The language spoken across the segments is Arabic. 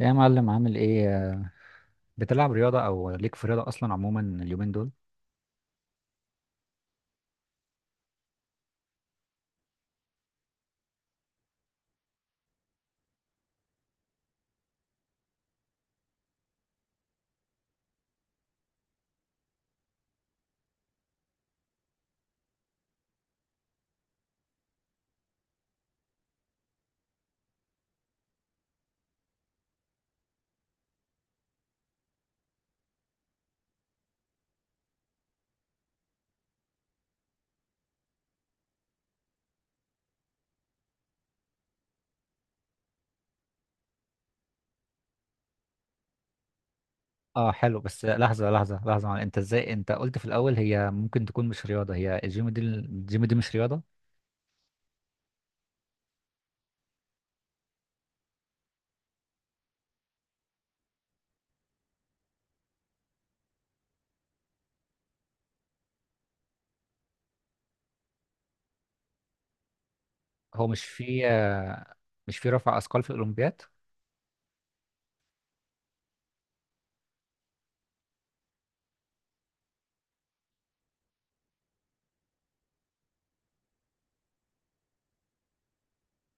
يا معلم، عامل ايه؟ بتلعب رياضة او ليك في رياضة اصلا عموما اليومين دول؟ اه حلو، بس لحظة لحظة لحظة معلم. انت قلت في الاول هي ممكن تكون مش رياضة؟ هي الجيم دي مش رياضة؟ هو مش في رفع اثقال في الاولمبياد؟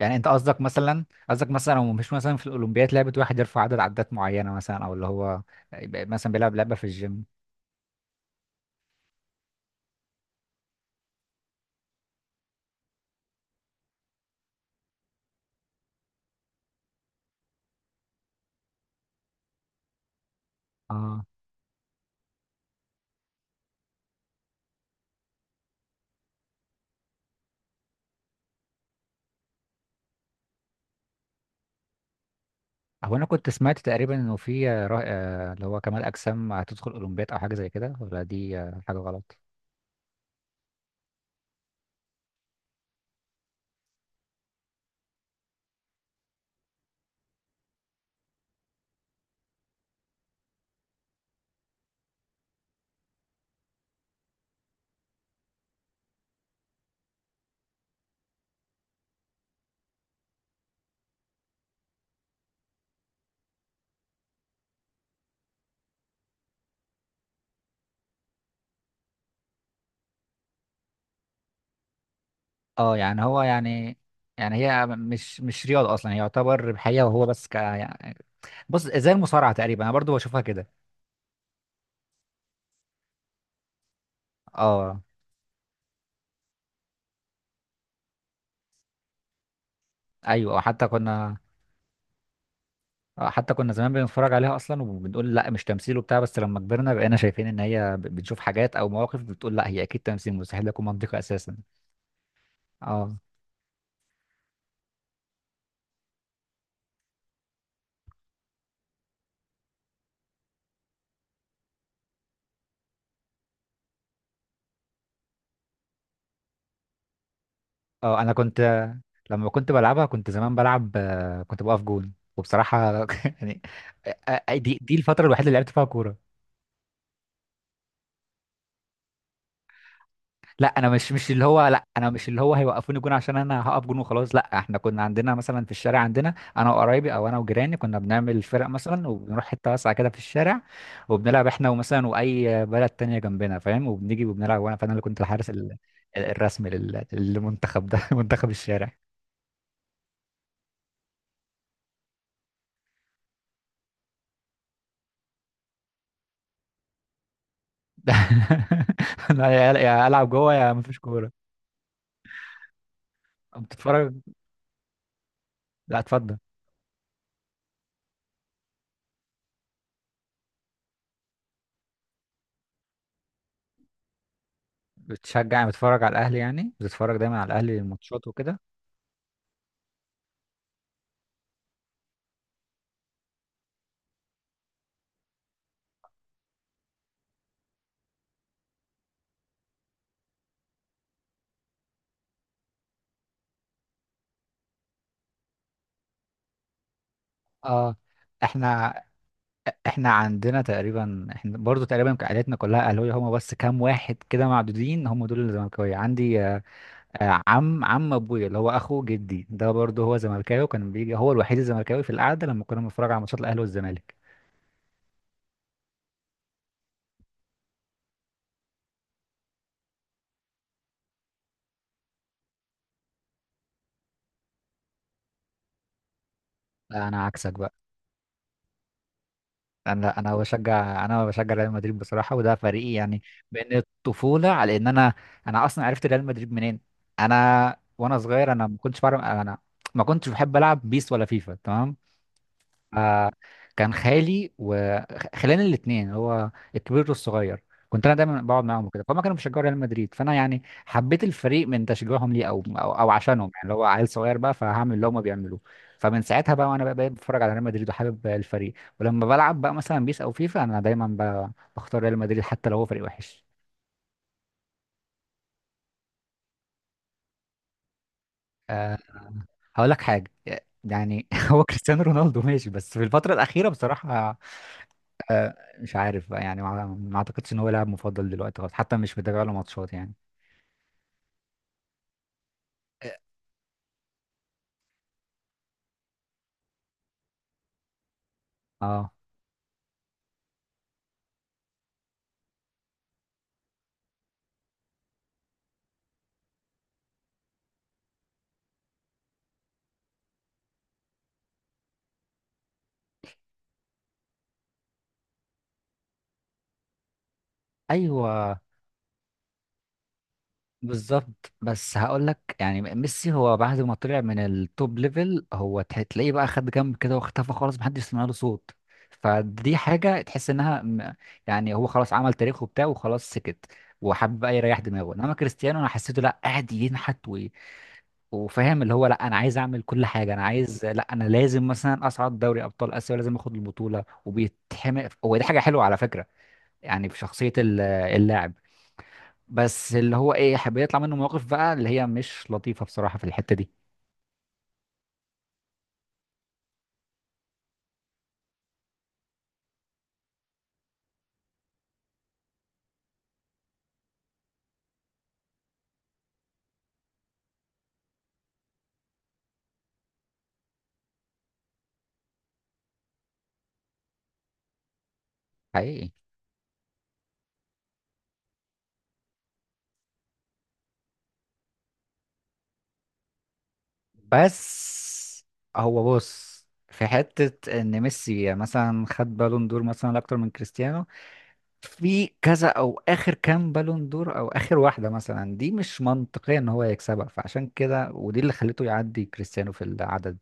يعني انت قصدك مثلا لو مش مثلا في الاولمبياد لعبة واحد يرفع عدد عدات معينة مثلا، او اللي هو يبقى مثلا بيلعب لعبة في الجيم. اه، هو انا كنت سمعت تقريبا انه في اللي هو كمال اجسام هتدخل اولمبياد او حاجة زي كده؟ ولا دي حاجة غلط؟ اه، يعني هو يعني هي مش رياضة أصلا، هي يعتبر ربحية، وهو بس يعني. بص، زي المصارعة تقريبا أنا برضو بشوفها كده. اه، أيوة، حتى كنا زمان بنتفرج عليها أصلا وبنقول لا مش تمثيل وبتاع، بس لما كبرنا بقينا شايفين إن هي بنشوف حاجات أو مواقف بتقول لا هي أكيد تمثيل، مستحيل يكون منطقي أساسا. اه، اه. أنا كنت لما كنت بلعبها كنت زمان بلعب، كنت بقف جون وبصراحة يعني. دي الفترة الوحيدة اللي لعبت فيها كورة. لا، انا مش اللي هو هيوقفوني جون عشان انا هقف جون وخلاص. لا، احنا كنا عندنا مثلا في الشارع، عندنا انا وقرايبي او انا وجيراني كنا بنعمل فرق مثلا وبنروح حته واسعه كده في الشارع، وبنلعب احنا ومثلا واي بلد تانية جنبنا، فاهم؟ وبنيجي وبنلعب، فانا اللي كنت الحارس الرسمي للمنتخب ده منتخب الشارع. لا، يا العب جوه يا مفيش كوره. بتتفرج؟ لا، اتفضل. بتتفرج على الاهلي يعني؟ بتتفرج دايما على الاهلي الماتشات وكده؟ اه. احنا احنا برضو تقريبا عائلتنا كلها اهلاويه، هما بس كام واحد كده معدودين هم دول اللي زملكاويه عندي. عم ابويا، اللي هو اخو جدي، ده برضو هو زملكاوي، وكان بيجي هو الوحيد الزملكاوي في القعده لما كنا بنتفرج على ماتشات الاهلي والزمالك. لا، انا عكسك بقى. انا بشجع ريال مدريد بصراحه، وده فريقي يعني. من الطفوله. على ان انا انا اصلا عرفت ريال مدريد منين؟ وانا صغير، انا ما كنتش بعرف، انا ما كنتش بحب العب بيس ولا فيفا، تمام؟ آه، كان خالي وخلاني الاثنين، هو الكبير والصغير، كنت انا دايما بقعد معاهم وكده، فهم كانوا بيشجعوا ريال مدريد، فانا يعني حبيت الفريق من تشجيعهم ليه، أو عشانهم، يعني اللي هو عيل صغير بقى فهعمل اللي هم بيعملوه. فمن ساعتها بقى وانا بقى بقيت بتفرج على ريال مدريد وحابب الفريق. ولما بلعب بقى مثلا بيس او فيفا، انا دايما بختار ريال مدريد، حتى لو هو فريق وحش. هقول لك حاجه يعني، هو كريستيانو رونالدو ماشي، بس في الفتره الاخيره بصراحه، مش عارف بقى يعني، ما اعتقدش ان هو لاعب مفضل دلوقتي خالص، حتى مش متابع له ماتشات يعني. اه، ايوه، بالظبط. بس هقول لك يعني، ميسي هو بعد ما طلع من التوب ليفل هو تلاقيه بقى خد جنب كده واختفى خالص، محدش سمع له صوت. فدي حاجه تحس انها يعني هو خلاص عمل تاريخه بتاعه وخلاص سكت، وحب بقى يريح دماغه. انما كريستيانو انا حسيته لا، قاعد ينحت وفاهم اللي هو لا، انا عايز اعمل كل حاجه، انا عايز، لا، انا لازم مثلا اصعد دوري ابطال اسيا ولازم اخد البطوله وبيتحمق، هو دي حاجه حلوه على فكره. يعني في شخصيه اللاعب، بس اللي هو ايه، حب يطلع منه مواقف بقى اللي هي مش لطيفه بصراحه في الحته دي. حقيقي. بس هو بص، في حته ان ميسي مثلا خد بالون دور مثلا اكتر من كريستيانو في كذا، او اخر كام بالون دور او اخر واحده مثلا دي مش منطقيه ان هو يكسبها، فعشان كده ودي اللي خلته يعدي كريستيانو في العدد.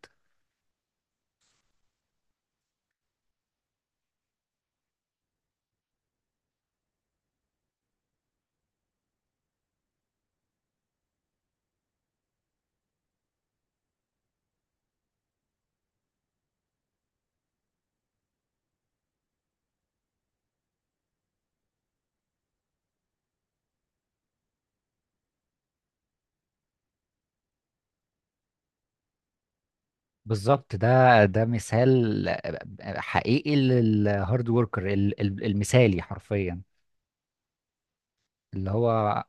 بالظبط، ده مثال حقيقي للهارد وركر المثالي حرفيا. اللي هو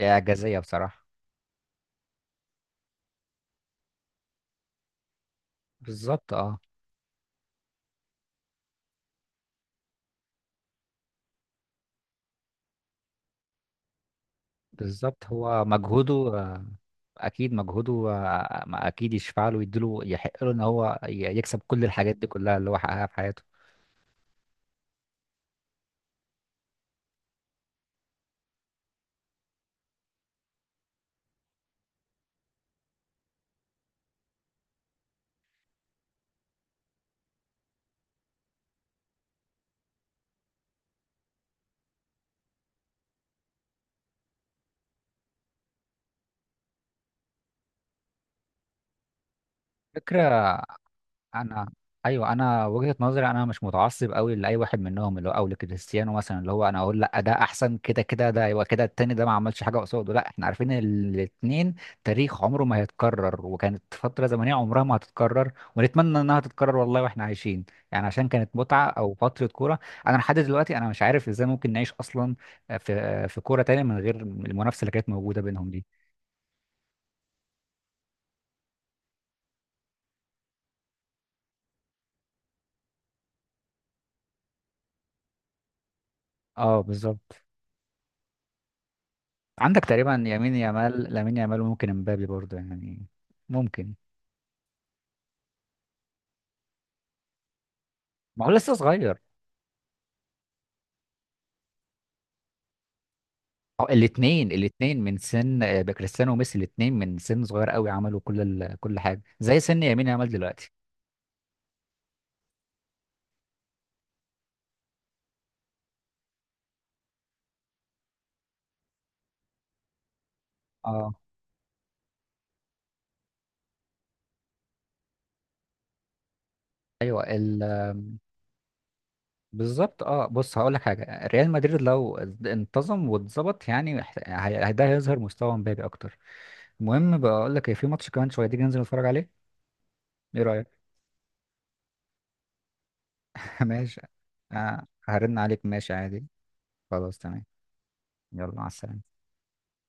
اعجازيه بصراحه. بالظبط، اه، بالظبط، هو مجهوده، اكيد مجهوده، ما اكيد يشفع له ويديله يحق له ان هو يكسب كل الحاجات دي كلها اللي هو حققها في حياته. فكره. انا ايوه، انا وجهة نظري، انا مش متعصب قوي لاي واحد منهم اللي هو، او لكريستيانو مثلا، اللي هو انا اقول لا ده احسن كده كده، ده يبقى كده التاني ده ما عملش حاجه قصاده، لا احنا عارفين الاتنين تاريخ عمره ما هيتكرر، وكانت فتره زمنيه عمرها ما هتتكرر ونتمنى انها تتكرر والله واحنا عايشين. يعني عشان كانت متعه، او فتره كوره. انا لحد دلوقتي انا مش عارف ازاي ممكن نعيش اصلا في كوره تانية من غير المنافسه اللي كانت موجوده بينهم دي. اه، بالظبط. عندك تقريبا يمين يامال لامين يامال، وممكن امبابي برضه يعني، ممكن. ما هو لسه صغير. هو الاثنين من سن، كريستيانو وميسي الاثنين من سن صغير قوي عملوا كل حاجه زي سن يمين يامال دلوقتي. اه، ايوه بالظبط. اه، بص، هقول لك حاجه، ريال مدريد لو انتظم واتظبط يعني هيح- هي- ده هيظهر مستوى امبابي اكتر. المهم، بقول لك إيه، في ماتش كمان شويه، تيجي ننزل نتفرج عليه؟ ايه رايك؟ ماشي. آه، هرن عليك، ماشي عادي. خلاص، تمام. يلا، مع السلامه.